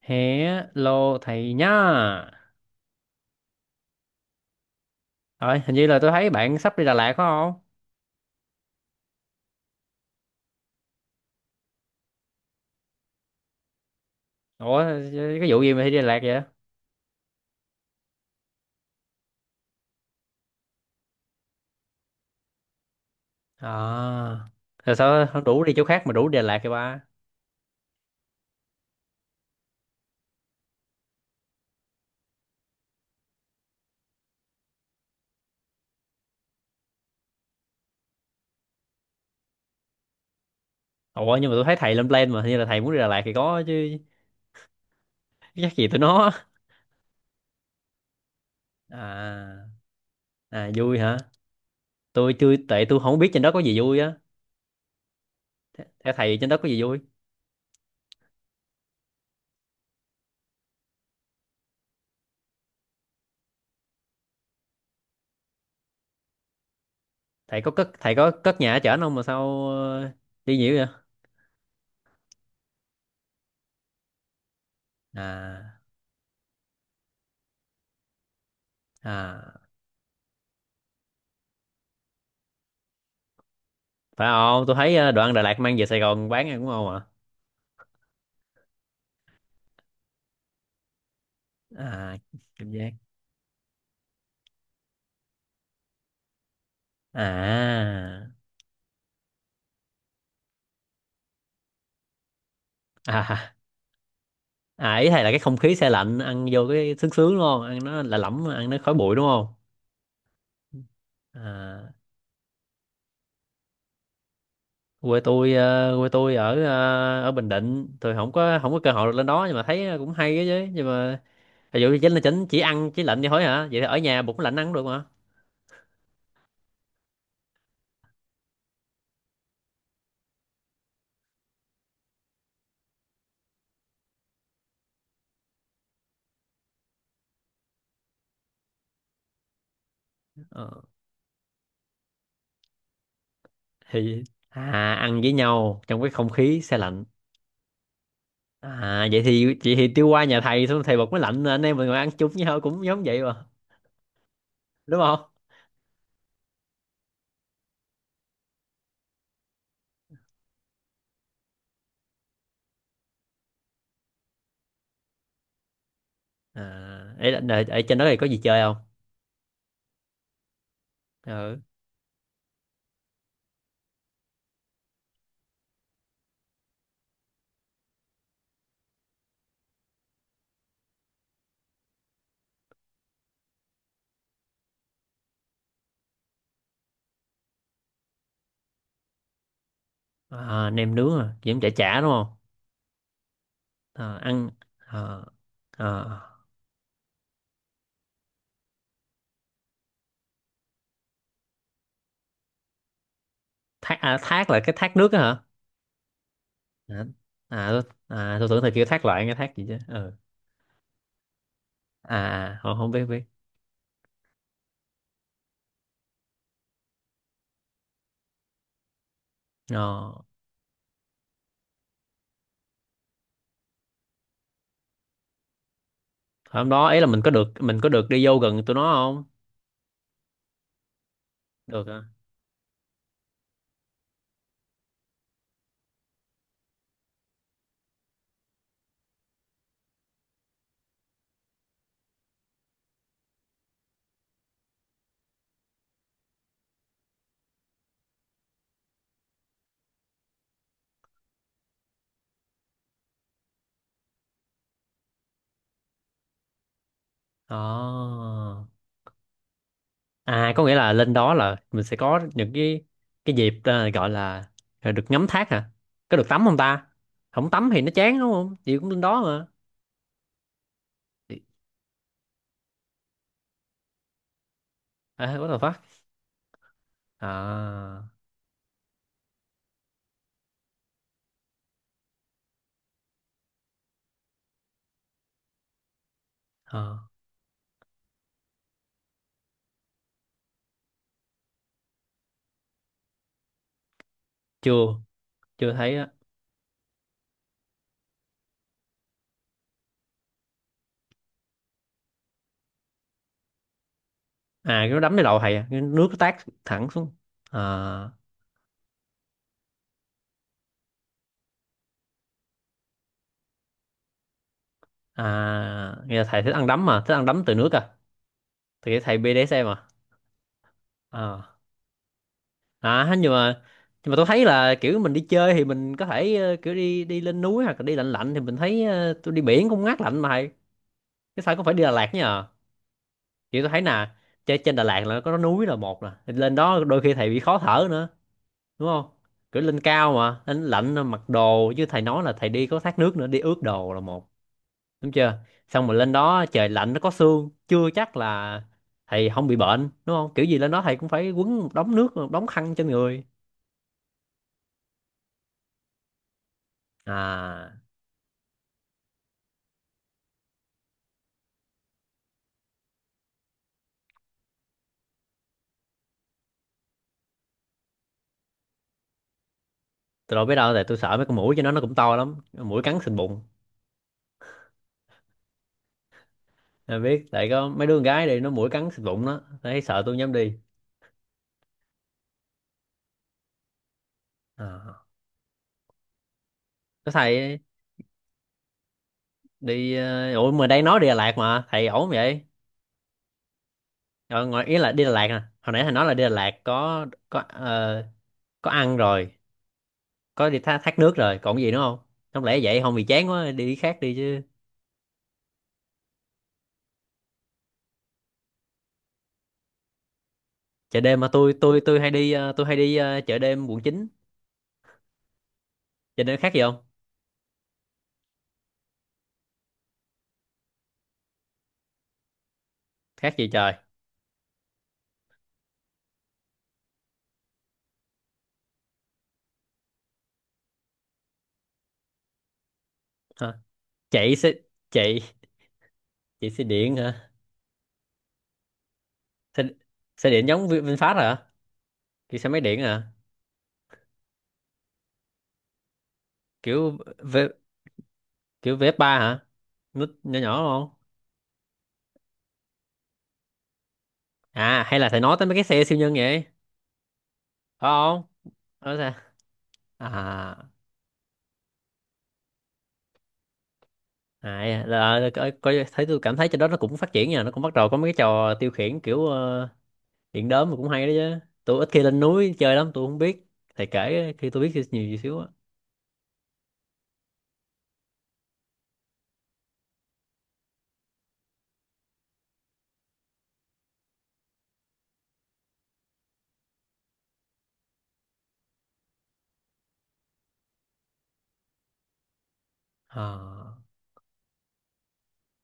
Hello thầy nhá. Rồi, hình như là tôi thấy bạn sắp đi Đà Lạt phải không? Ủa, cái vụ gì mà đi Đà Lạt vậy? À, rồi sao không đủ đi chỗ khác mà đủ đi Đà Lạt kìa ba? Ủa, nhưng mà tôi thấy thầy lên plan mà, hình như là thầy muốn đi Đà Lạt thì có chứ, chắc gì tụi nó. À, à vui hả? Tôi chưa, tại tôi không biết trên đó có gì vui á. Theo thầy trên đó có gì vui? Thầy có cất nhà ở trển không mà sao đi nhiều vậy? À, à, phải không? Tôi thấy đoạn Đà Lạt mang về Sài Gòn bán ăn đúng không. À, cảm giác. À, à, à, à, ý thầy là cái không khí xe lạnh ăn vô cái sướng sướng đúng không, ăn nó là lẫm, ăn nó khói bụi đúng không? À, quê tôi ở Bình Định, tôi không có cơ hội được lên đó, nhưng mà thấy cũng hay á chứ. Nhưng mà ví dụ như chính chỉ ăn chỉ lạnh vậy thôi hả, vậy thì ở nhà bụng lạnh ăn cũng được mà. Ờ, thì à, ăn với nhau trong cái không khí xe lạnh. À, vậy thì tiêu qua nhà thầy xong thầy bật máy lạnh anh em mình ngồi ăn chung với nhau cũng giống vậy mà, đúng không? À ấy là ở trên đó thì có gì chơi không? Ừ. À, nem nướng à, kiếm chả chả đúng không? À, ăn. À, à, thác. À, thác là cái thác nước á hả? À, à, à tôi tưởng là kiểu thác loạn cái thác gì chứ. Ừ. À, à, không, không biết biết. Ờ. Hôm đó ấy là mình có được đi vô gần tụi nó không? Được hả? À. Ờ. À, có nghĩa là lên đó là mình sẽ có những cái dịp, ờ, gọi là được ngắm thác hả? Có được tắm không ta? Không tắm thì nó chán, đúng không? Chị cũng lên đó mà. Thì- À, what the fuck? À, ờ, chưa chưa thấy á. À, cái nó đấm cái đầu thầy à, cái nước nó tát thẳng xuống. À, à nghe là thầy thích ăn đấm mà, thích ăn đấm từ nước à. Thì thầy bê BDSM mà. À, nhưng mà tôi thấy là kiểu mình đi chơi thì mình có thể kiểu đi đi lên núi hoặc là đi lạnh lạnh thì mình thấy tôi đi biển cũng ngát lạnh mà thầy, cái sao cũng phải đi Đà Lạt nhờ? Kiểu tôi thấy nè, trên trên Đà Lạt là có núi là một nè. Thì lên đó đôi khi thầy bị khó thở nữa, đúng không? Kiểu lên cao mà lên lạnh mặc đồ, chứ thầy nói là thầy đi có thác nước nữa đi ướt đồ là một, đúng chưa? Xong rồi lên đó trời lạnh nó có sương, chưa chắc là thầy không bị bệnh, đúng không? Kiểu gì lên đó thầy cũng phải quấn một đống nước một đống khăn trên người. À. Tôi đâu biết đâu, tại tôi sợ mấy con muỗi cho nó cũng to lắm. Muỗi cắn xịt bụng. Tôi biết, tại có mấy đứa con gái đi, nó muỗi cắn xịt bụng đó. Thấy sợ tôi không dám đi. À. Có thầy đi, ủa mà đây nói đi Đà Lạt mà, thầy ổn vậy? Ờ, ngoài ý là đi Đà Lạt nè. Hồi nãy thầy nói là đi Đà Lạt có ăn rồi, có đi thác, thác nước rồi, còn gì nữa không? Không lẽ vậy không, bị chán quá đi cái khác đi chứ. Chợ đêm mà tôi hay đi, tôi hay đi chợ đêm quận chín. Chợ đêm khác gì không? Khác gì trời. Hả? Chạy xe chạy chạy xe điện hả? xe, xe điện giống VinFast hả, kiểu xe máy điện hả? kiểu v, kiểu VF3 hả, nút nhỏ nhỏ đúng không? À, hay là thầy nói tới mấy cái xe siêu nhân vậy phải không? Đó sao? À, à là, coi thấy tôi cảm thấy trên đó nó cũng phát triển nha, nó cũng bắt đầu có mấy cái trò tiêu khiển kiểu điện đóm mà cũng hay đó chứ. Tôi ít khi lên núi chơi lắm, tôi không biết, thầy kể khi tôi biết nhiều gì xíu á. Ờ,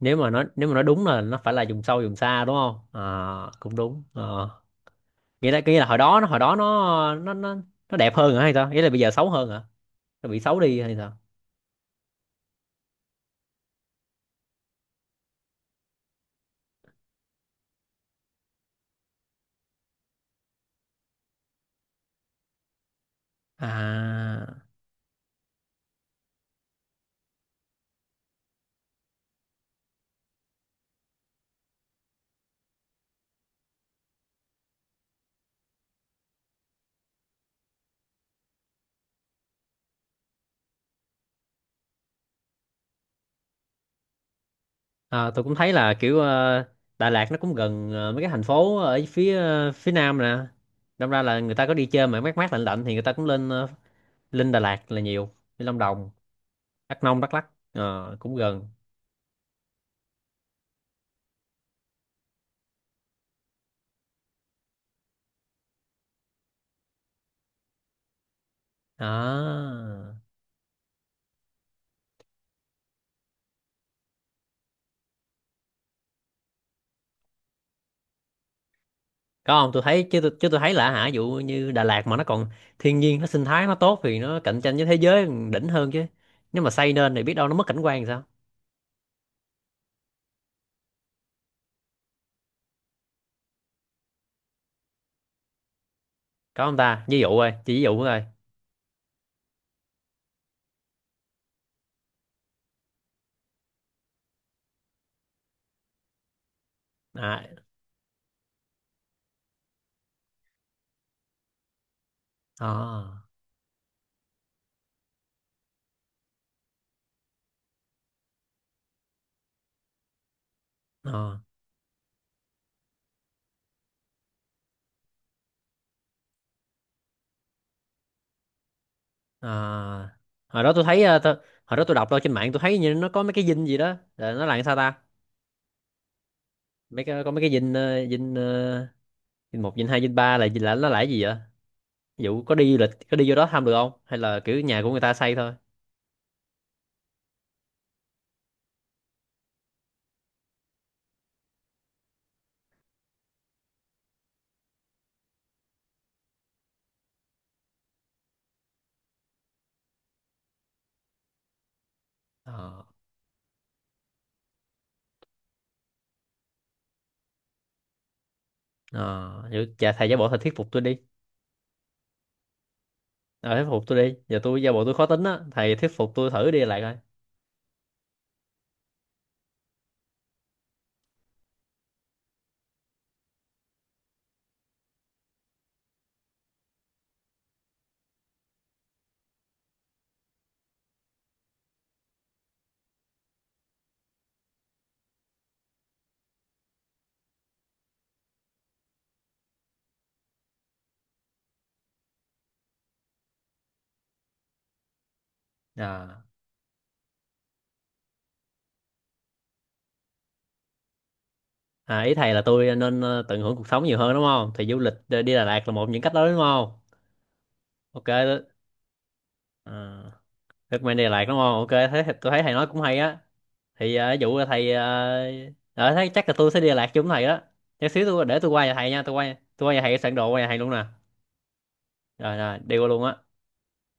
nếu mà nó đúng là nó phải là vùng sâu vùng xa, đúng không? À, cũng đúng. Ờ. Nghĩa là hồi đó nó nó đẹp hơn hả hay sao, nghĩa là bây giờ xấu hơn hả, nó bị xấu đi hay sao? À, à tôi cũng thấy là kiểu Đà Lạt nó cũng gần mấy cái thành phố ở phía nam nè, đâm ra là người ta có đi chơi mà mát mát lạnh lạnh thì người ta cũng lên Đà Lạt là nhiều, đi Lâm Đồng, Đắk Nông, Đắk Lắk cũng gần. À, có không? Tôi thấy chứ, chứ tôi thấy là hả, ví dụ như Đà Lạt mà nó còn thiên nhiên nó sinh thái nó tốt thì nó cạnh tranh với thế giới đỉnh hơn chứ, nếu mà xây nên thì biết đâu nó mất cảnh quan thì sao? Có không ta, ví dụ ơi, chỉ ví dụ thôi. À, à, à, à. hồi đó tôi thấy ờ, tôi, hồi đó tôi đọc đâu trên mạng tôi thấy như nó có mấy cái dinh gì đó, là nó là sao ta, mấy cái dinh, dinh một dinh hai dinh ba là nó là cái gì vậy? Ví dụ có đi du lịch có đi vô đó thăm được không, hay là kiểu nhà của người ta xây thôi? Ờ, ờ, vậy cha thầy giáo bộ thầy thuyết phục tôi đi. Ờ, thuyết phục tôi đi. Giờ tôi giả bộ tôi khó tính á, thầy thuyết phục tôi thử đi lại coi. À, à ý thầy là tôi nên tận hưởng cuộc sống nhiều hơn đúng không? Thì du lịch đi đi Đà Lạt là một trong những cách đó đúng không? Ok. Đó. À, recommend đi Đà Lạt đúng không? Ok. Thấy, tôi thấy thầy nói cũng hay á. Thì ví dụ là thầy... thấy chắc là tôi sẽ đi Đà Lạt chung với thầy đó. Chút xíu tôi để tôi qua nhà thầy nha. Tôi qua nhà thầy soạn đồ qua nhà thầy luôn nè. Rồi, rồi. Đi qua luôn á.